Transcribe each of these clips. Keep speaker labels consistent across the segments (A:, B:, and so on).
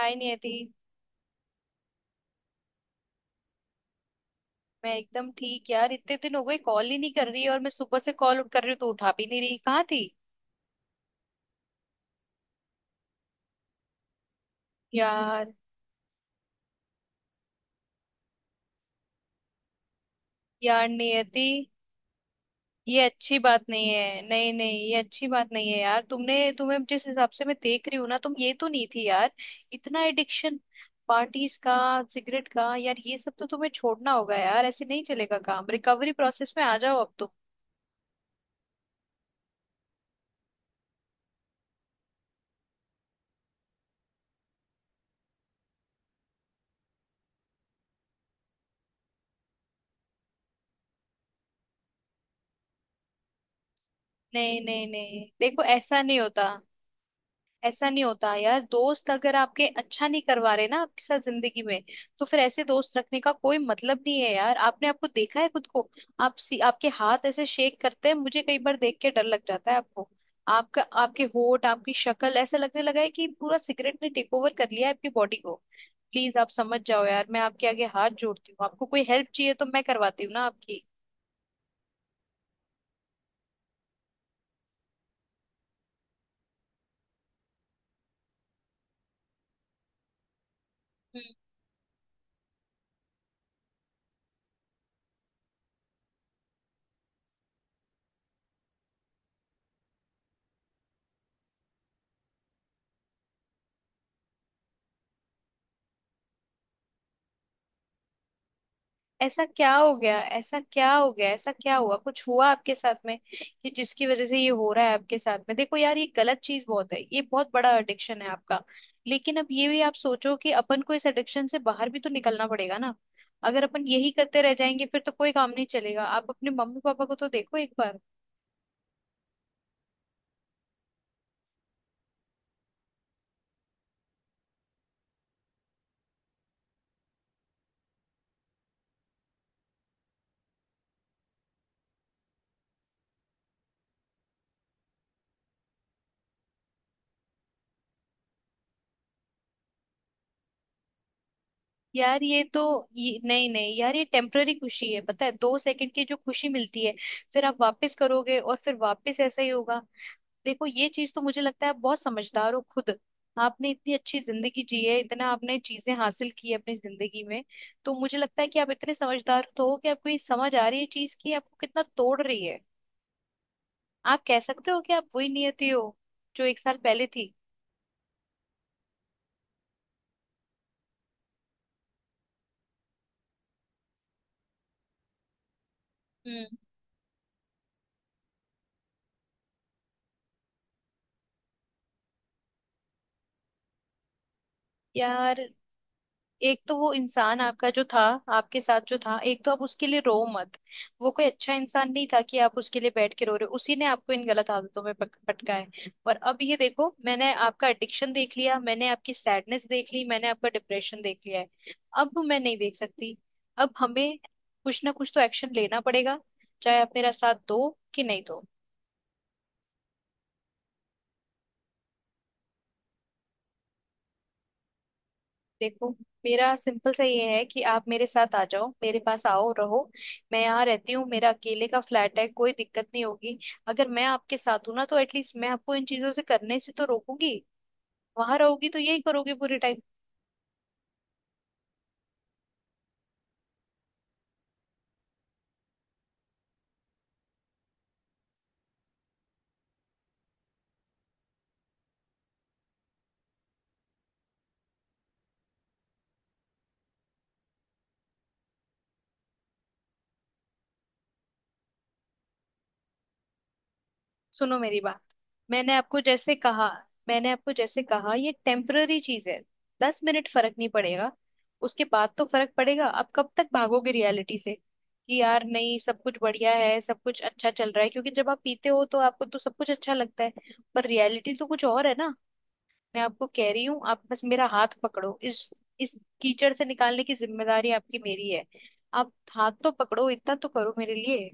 A: हाय नियति। मैं एकदम ठीक यार, इतने दिन हो गए, कॉल ही नहीं कर रही है और मैं सुबह से कॉल कर रही हूँ तो उठा भी नहीं रही। कहाँ थी यार? यार नियति, ये अच्छी बात नहीं है। नहीं नहीं, ये अच्छी बात नहीं है यार। तुमने तुम्हें जिस हिसाब से मैं देख रही हूँ ना, तुम ये तो नहीं थी यार। इतना एडिक्शन पार्टीज का, सिगरेट का, यार ये सब तो तुम्हें छोड़ना होगा यार। ऐसे नहीं चलेगा काम। रिकवरी प्रोसेस में आ जाओ अब तुम। नहीं नहीं नहीं, देखो ऐसा नहीं होता। ऐसा नहीं होता यार। दोस्त अगर आपके अच्छा नहीं करवा रहे ना आपके साथ जिंदगी में, तो फिर ऐसे दोस्त रखने का कोई मतलब नहीं है यार। आपने आपको देखा है खुद को? आपके हाथ ऐसे शेक करते हैं, मुझे कई बार देख के डर लग जाता है आपको। आपका, आपके होठ, आपकी शक्ल, ऐसा लगने लगा है कि पूरा सिगरेट ने टेक ओवर कर लिया है आपकी बॉडी को। प्लीज आप समझ जाओ यार, मैं आपके आगे हाथ जोड़ती हूँ। आपको कोई हेल्प चाहिए तो मैं करवाती हूँ ना आपकी। हम्म। ऐसा क्या हो गया? ऐसा क्या हो गया? ऐसा क्या हुआ? कुछ हुआ आपके साथ में कि जिसकी वजह से ये हो रहा है आपके साथ में? देखो यार ये गलत चीज बहुत है, ये बहुत बड़ा एडिक्शन है आपका। लेकिन अब ये भी आप सोचो कि अपन को इस एडिक्शन से बाहर भी तो निकलना पड़ेगा ना। अगर अपन यही करते रह जाएंगे फिर तो कोई काम नहीं चलेगा। आप अपने मम्मी पापा को तो देखो एक बार। यार नहीं नहीं यार, ये टेम्पररी खुशी है। पता है, 2 सेकंड की जो खुशी मिलती है, फिर आप वापस करोगे और फिर वापस ऐसा ही होगा। देखो ये चीज तो मुझे लगता है आप बहुत समझदार हो खुद। आपने इतनी अच्छी जिंदगी जी है, इतना आपने चीजें हासिल की है अपनी जिंदगी में। तो मुझे लगता है कि आप इतने समझदार तो हो कि आपको ये समझ आ रही है चीज कि आपको कितना तोड़ रही है। आप कह सकते हो कि आप वही नियति हो जो 1 साल पहले थी? हम्म। यार एक तो वो इंसान आपका जो था, आपके साथ जो था, एक तो आप उसके लिए रो मत। वो कोई अच्छा इंसान नहीं था कि आप उसके लिए बैठ के रो रहे हो। उसी ने आपको इन गलत आदतों में पटका है। और अब ये देखो, मैंने आपका एडिक्शन देख लिया, मैंने आपकी सैडनेस देख ली, मैंने आपका डिप्रेशन देख लिया है। अब मैं नहीं देख सकती। अब हमें कुछ ना कुछ तो एक्शन लेना पड़ेगा, चाहे आप मेरा साथ दो कि नहीं दो। देखो मेरा सिंपल सा ये है कि आप मेरे साथ आ जाओ, मेरे पास आओ, रहो। मैं यहाँ रहती हूँ, मेरा अकेले का फ्लैट है, कोई दिक्कत नहीं होगी। अगर मैं आपके साथ हूँ ना तो एटलीस्ट मैं आपको इन चीजों से करने से तो रोकूंगी। वहां रहोगी तो यही करोगे पूरे टाइम। सुनो मेरी बात, मैंने आपको जैसे कहा मैंने आपको जैसे कहा ये टेम्पररी चीज है। 10 मिनट फर्क नहीं पड़ेगा, उसके बाद तो फर्क पड़ेगा। आप कब तक भागोगे रियलिटी से कि यार नहीं सब कुछ बढ़िया है, सब कुछ अच्छा चल रहा है? क्योंकि जब आप पीते हो तो आपको तो सब कुछ अच्छा लगता है, पर रियलिटी तो कुछ और है ना। मैं आपको कह रही हूँ, आप बस मेरा हाथ पकड़ो, इस कीचड़ से निकालने की जिम्मेदारी आपकी मेरी है। आप हाथ तो पकड़ो, इतना तो करो मेरे लिए।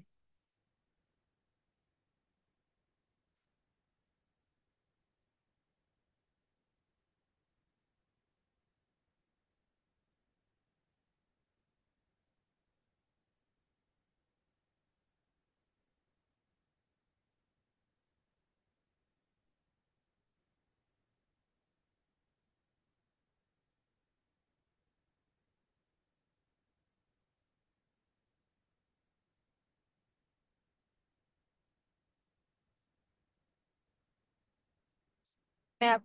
A: मैं आप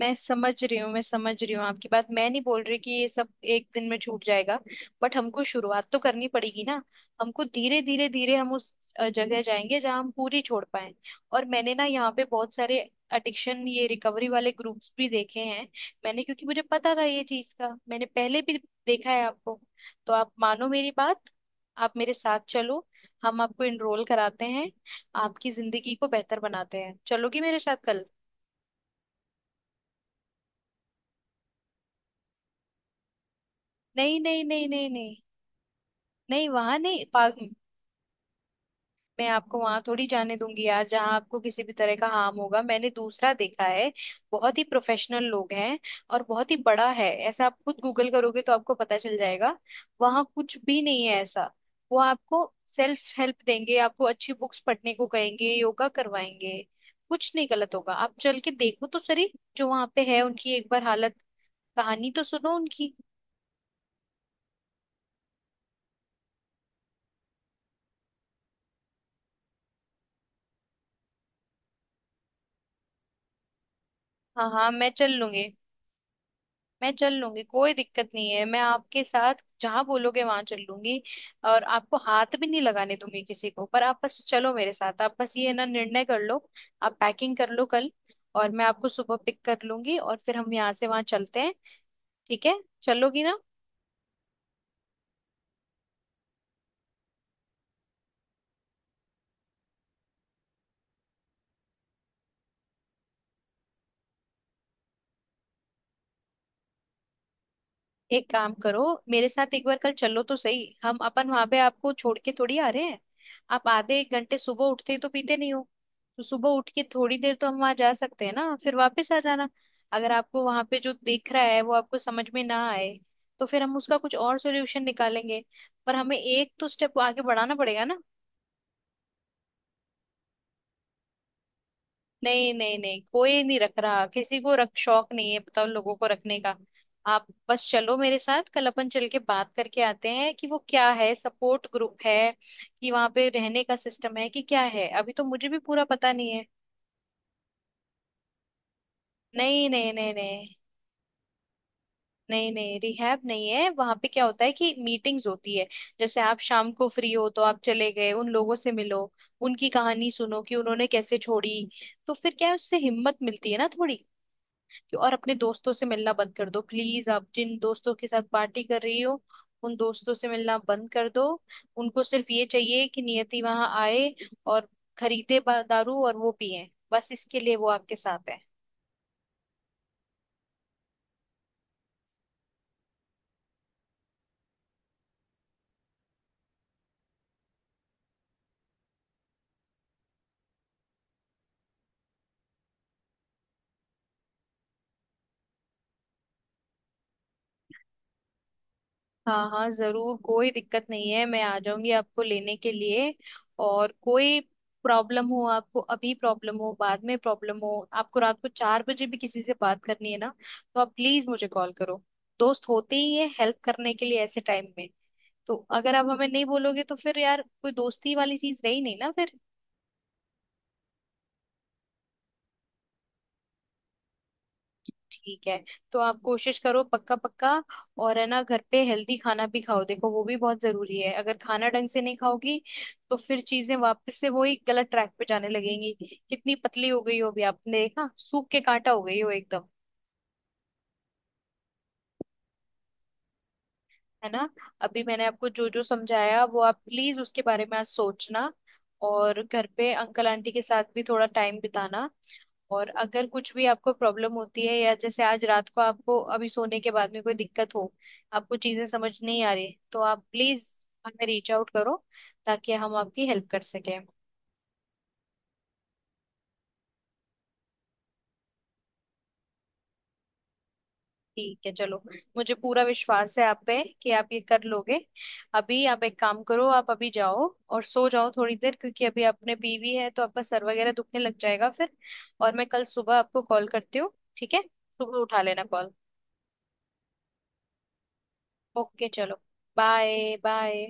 A: मैं समझ रही हूँ, मैं समझ रही हूँ आपकी बात। मैं नहीं बोल रही कि ये सब एक दिन में छूट जाएगा, बट हमको शुरुआत तो करनी पड़ेगी ना। हमको धीरे धीरे धीरे हम उस जगह जाएंगे जहाँ हम पूरी छोड़ पाए। और मैंने ना यहाँ पे बहुत सारे एडिक्शन ये रिकवरी वाले ग्रुप्स भी देखे हैं मैंने, क्योंकि मुझे पता था ये चीज का, मैंने पहले भी देखा है आपको। तो आप मानो मेरी बात, आप मेरे साथ चलो, हम आपको इनरोल कराते हैं, आपकी जिंदगी को बेहतर बनाते हैं। चलोगी मेरे साथ कल? नहीं नहीं नहीं नहीं नहीं, नहीं वहां नहीं, पार्क मैं आपको वहां थोड़ी जाने दूंगी यार जहां आपको किसी भी तरह का हार्म होगा। मैंने दूसरा देखा है, बहुत ही प्रोफेशनल लोग हैं और बहुत ही बड़ा है ऐसा। आप खुद गूगल करोगे तो आपको पता चल जाएगा। वहां कुछ भी नहीं है ऐसा। वो आपको सेल्फ हेल्प देंगे, आपको अच्छी बुक्स पढ़ने को कहेंगे, योगा करवाएंगे। कुछ नहीं गलत होगा, आप चल के देखो तो सही। जो वहां पे है उनकी एक बार हालत, कहानी तो सुनो उनकी। हाँ हाँ मैं चल लूंगी, कोई दिक्कत नहीं है। मैं आपके साथ जहां बोलोगे वहां चल लूंगी। और आपको हाथ भी नहीं लगाने दूंगी किसी को, पर आप बस चलो मेरे साथ, आप बस ये ना निर्णय कर लो। आप पैकिंग कर लो कल और मैं आपको सुबह पिक कर लूंगी और फिर हम यहाँ से वहां चलते हैं। ठीक है? चलोगी ना? एक काम करो, मेरे साथ एक बार कल चलो तो सही। हम अपन वहां पे आपको छोड़ के थोड़ी आ रहे हैं। आप आधे एक घंटे सुबह उठते ही तो पीते नहीं हो, तो सुबह उठ के थोड़ी देर तो हम वहां जा सकते हैं ना, फिर वापस आ जाना। अगर आपको वहां पे जो दिख रहा है वो आपको समझ में ना आए, तो फिर हम उसका कुछ और सोल्यूशन निकालेंगे। पर हमें एक तो स्टेप आगे बढ़ाना पड़ेगा ना। नहीं नहीं नहीं, कोई नहीं रख रहा, किसी को रख शौक नहीं है, बताओ लोगों को रखने का। आप बस चलो मेरे साथ कल, अपन चल के बात करके आते हैं कि वो क्या है, सपोर्ट ग्रुप है कि वहां पे रहने का सिस्टम है कि क्या है, अभी तो मुझे भी पूरा पता नहीं है। नहीं नहीं नहीं नहीं नहीं, नहीं रिहैब नहीं है, वहां पे क्या होता है कि मीटिंग्स होती है। जैसे आप शाम को फ्री हो तो आप चले गए, उन लोगों से मिलो, उनकी कहानी सुनो कि उन्होंने कैसे छोड़ी। तो फिर क्या है, उससे हिम्मत मिलती है ना थोड़ी। और अपने दोस्तों से मिलना बंद कर दो प्लीज, आप जिन दोस्तों के साथ पार्टी कर रही हो उन दोस्तों से मिलना बंद कर दो। उनको सिर्फ ये चाहिए कि नियति वहां आए और खरीदे दारू और वो पिए, बस इसके लिए वो आपके साथ है। हाँ हाँ जरूर, कोई दिक्कत नहीं है, मैं आ जाऊंगी आपको लेने के लिए। और कोई प्रॉब्लम हो आपको अभी, प्रॉब्लम हो बाद में, प्रॉब्लम हो आपको रात को 4 बजे भी किसी से बात करनी है ना, तो आप प्लीज मुझे कॉल करो। दोस्त होते ही है हेल्प करने के लिए ऐसे टाइम में। तो अगर आप हमें नहीं बोलोगे तो फिर यार कोई दोस्ती वाली चीज रही नहीं ना फिर। ठीक है, तो आप कोशिश करो पक्का पक्का। और है ना, घर पे हेल्दी खाना भी खाओ, देखो वो भी बहुत जरूरी है। अगर खाना ढंग से नहीं खाओगी तो फिर चीजें वापस से वही गलत ट्रैक पे जाने लगेंगी। कितनी पतली हो गई हो, अभी आपने देखा, सूख के कांटा हो गई हो एकदम। है ना? अभी मैंने आपको जो जो समझाया वो आप प्लीज उसके बारे में आज सोचना। और घर पे अंकल आंटी के साथ भी थोड़ा टाइम बिताना। और अगर कुछ भी आपको प्रॉब्लम होती है, या जैसे आज रात को आपको अभी सोने के बाद में कोई दिक्कत हो, आपको चीजें समझ नहीं आ रही, तो आप प्लीज हमें रीच आउट करो ताकि हम आपकी हेल्प कर सकें। ठीक है चलो, मुझे पूरा विश्वास है आप पे कि आप ये कर लोगे। अभी आप एक काम करो, आप अभी जाओ और सो जाओ थोड़ी देर, क्योंकि अभी आपने पी भी है तो आपका सर वगैरह दुखने लग जाएगा फिर। और मैं कल सुबह आपको कॉल करती हूँ। ठीक है, सुबह उठा लेना कॉल। ओके चलो। Bye bye.